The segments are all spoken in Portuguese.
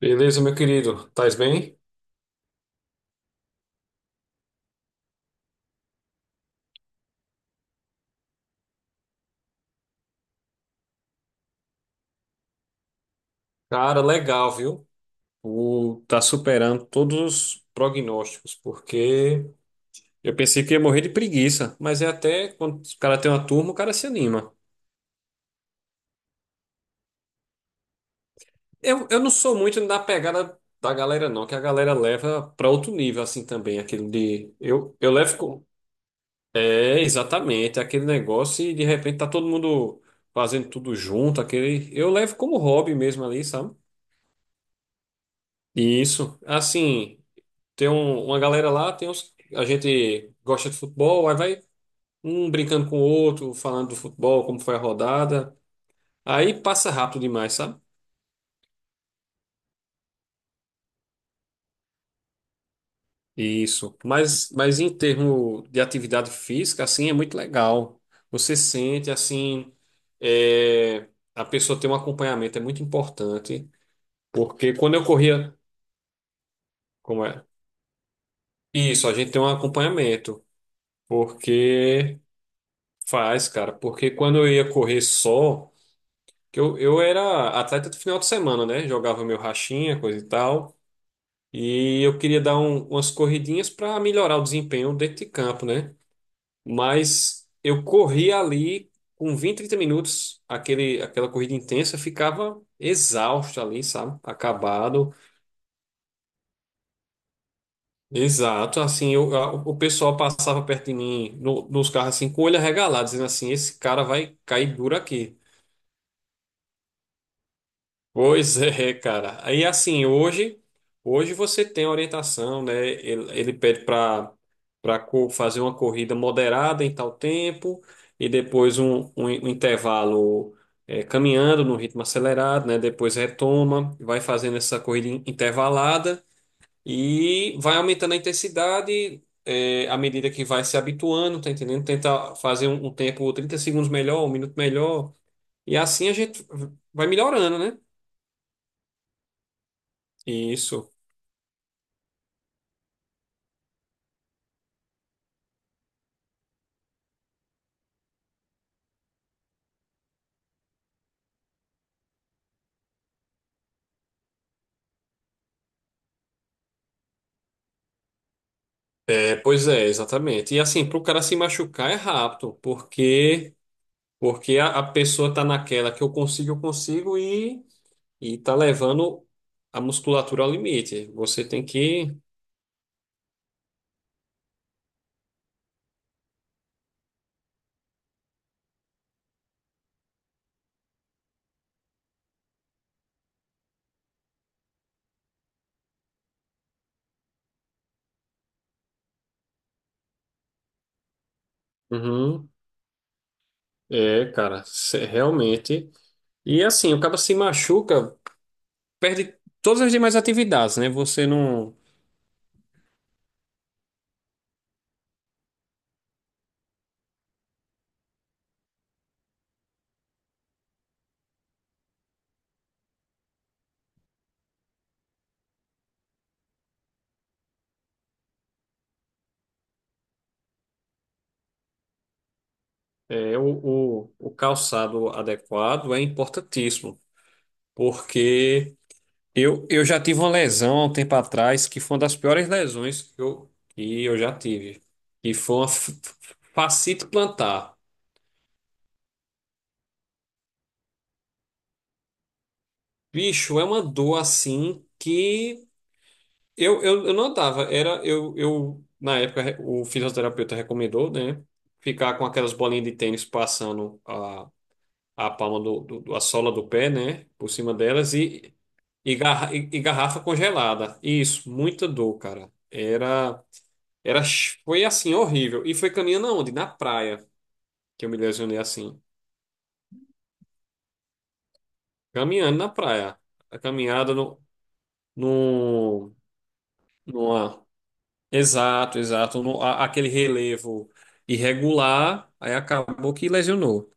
Beleza, meu querido? Tais bem? Cara, legal, viu? O Tá superando todos os prognósticos, porque eu pensei que ia morrer de preguiça, mas é até quando o cara tem uma turma, o cara se anima. Eu não sou muito da pegada da galera, não, que a galera leva pra outro nível, assim também, aquele de. Eu levo. É, exatamente, aquele negócio, e de repente tá todo mundo fazendo tudo junto, aquele. Eu levo como hobby mesmo ali, sabe? Isso, assim. Tem uma galera lá, tem uns, a gente gosta de futebol, aí vai um brincando com o outro, falando do futebol, como foi a rodada. Aí passa rápido demais, sabe? Isso. Mas em termos de atividade física, assim, é muito legal. Você sente, assim, é, a pessoa tem um acompanhamento, é muito importante. Porque quando eu corria. Como é? Isso, a gente tem um acompanhamento. Porque faz, cara. Porque quando eu ia correr só. Que eu era atleta do final de semana, né? Jogava meu rachinha, coisa e tal. E eu queria dar umas corridinhas para melhorar o desempenho dentro de campo, né? Mas eu corria ali com 20 30 minutos, aquele, aquela corrida intensa, eu ficava exausto ali, sabe? Acabado. Exato, assim, eu, o pessoal passava perto de mim nos carros, assim, com o olho arregalado, dizendo assim: esse cara vai cair duro aqui. Pois é, cara. Aí assim, hoje você tem orientação, né? Ele pede para fazer uma corrida moderada em tal tempo, e depois um intervalo caminhando no ritmo acelerado, né? Depois retoma, vai fazendo essa corrida intervalada e vai aumentando a intensidade, à medida que vai se habituando, tá entendendo? Tenta fazer um tempo 30 segundos melhor, 1 minuto melhor, e assim a gente vai melhorando, né? Isso. É, pois é, exatamente. E assim, para o cara se machucar é rápido, porque porque a pessoa tá naquela que eu consigo, eu consigo, e tá levando a musculatura ao limite. Você tem que. Uhum. É, cara, realmente. E assim, o cara se machuca, perde todas as demais atividades, né? Você não. É o calçado adequado, é importantíssimo, porque eu já tive uma lesão há um tempo atrás que foi uma das piores lesões que eu já tive. E foi uma fascite plantar. Bicho, é uma dor assim que eu não andava. Na época, o fisioterapeuta recomendou, né? Ficar com aquelas bolinhas de tênis passando a palma do, do, do- a sola do pé, né? Por cima delas e garrafa congelada. Isso, muita dor, cara. Era. Foi assim, horrível. E foi caminhando aonde? Na praia, que eu me lesionei assim. Caminhando na praia. A caminhada no, no, numa- Exato, exato. No, a- Aquele relevo irregular, aí acabou que lesionou.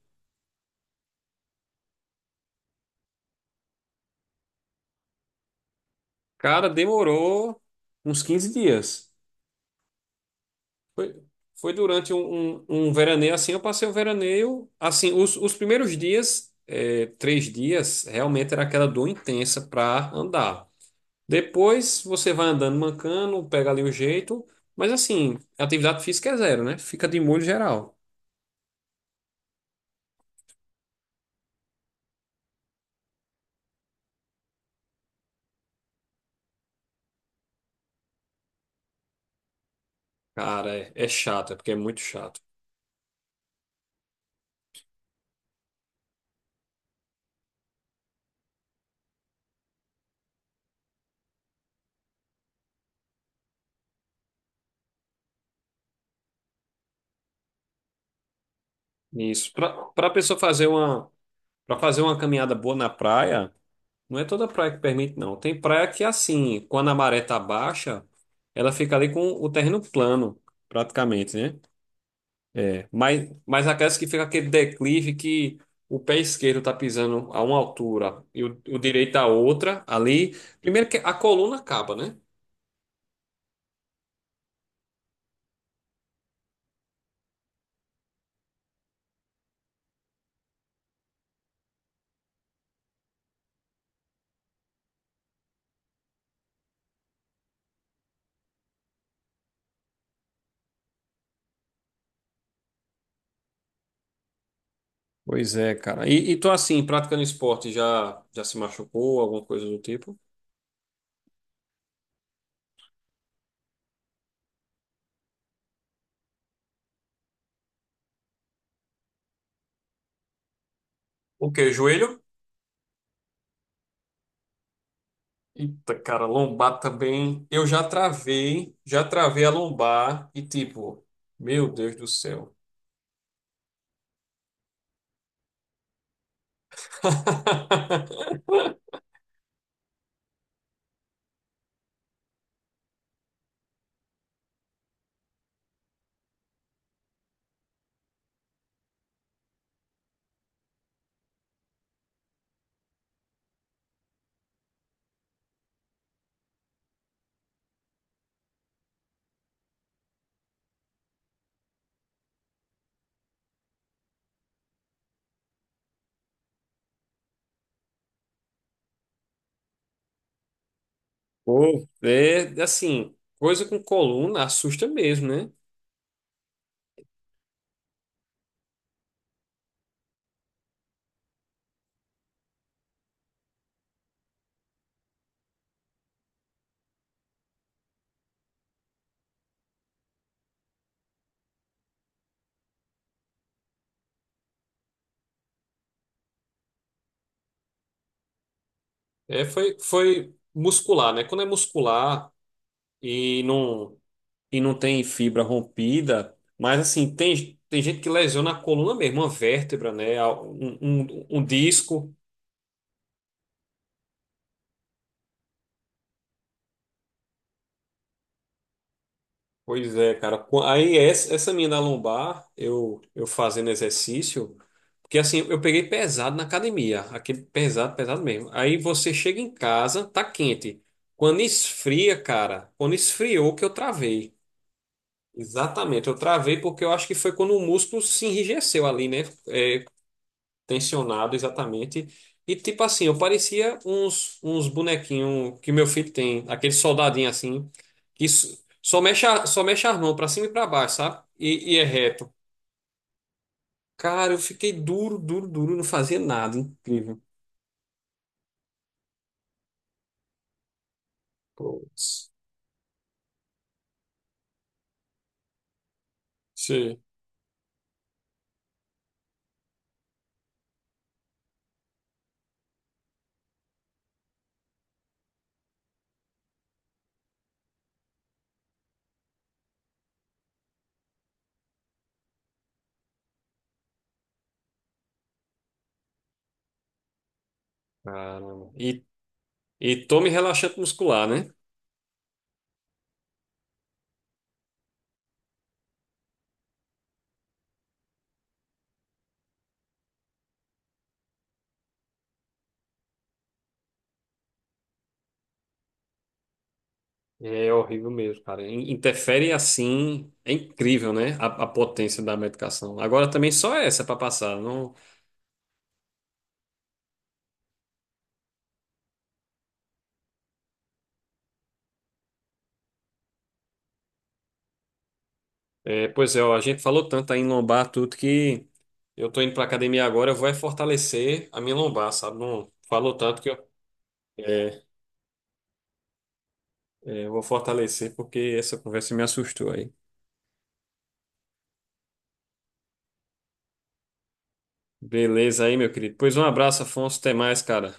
Cara, demorou uns 15 dias. Foi, foi durante um veraneio, assim. Eu passei o veraneio, assim, os primeiros dias, 3 dias, realmente era aquela dor intensa para andar. Depois você vai andando mancando, pega ali o jeito, mas assim, atividade física é zero, né? Fica de molho geral. Cara, é chato, é porque é muito chato. Isso. Pra pessoa fazer uma, pra fazer uma caminhada boa na praia, não é toda praia que permite, não. Tem praia que, assim, quando a maré tá baixa, ela fica ali com o terreno plano, praticamente, né? É, mas aquelas que fica aquele declive, que o pé esquerdo tá pisando a uma altura e o direito a outra, ali. Primeiro que a coluna acaba, né? Pois é, cara. E tu, assim, praticando esporte, já se machucou, alguma coisa do tipo? O quê? Joelho? Eita, cara, lombar também. Eu já travei a lombar e, tipo, meu Deus do céu. Pô, é assim, coisa com coluna assusta mesmo, né? É, foi muscular, né? Quando é muscular e não, e não tem fibra rompida, mas assim, tem gente que lesiona a coluna mesmo, uma vértebra, né? Um disco. Pois é, cara. Aí essa minha da lombar, eu fazendo exercício, porque assim, eu peguei pesado na academia, aquele pesado, pesado mesmo. Aí você chega em casa, tá quente. Quando esfria, cara, quando esfriou que eu travei. Exatamente, eu travei porque eu acho que foi quando o músculo se enrijeceu ali, né? É, tensionado, exatamente. E tipo assim, eu parecia uns bonequinhos que meu filho tem, aquele soldadinho assim, que só mexe as mãos pra cima e pra baixo, sabe? E é reto. Cara, eu fiquei duro, duro, duro, não fazia nada, incrível. Putz. Sim. Caramba. E tome relaxante muscular, né? É horrível mesmo, cara. Interfere, assim, é incrível, né? A potência da medicação. Agora também só essa para passar. Não, pois é, ó, a gente falou tanto aí em lombar, tudo que eu tô indo pra academia agora, eu vou é fortalecer a minha lombar, sabe? Não falou tanto que eu, é, é, eu vou fortalecer porque essa conversa me assustou aí. Beleza aí, meu querido. Pois um abraço, Afonso. Até mais, cara.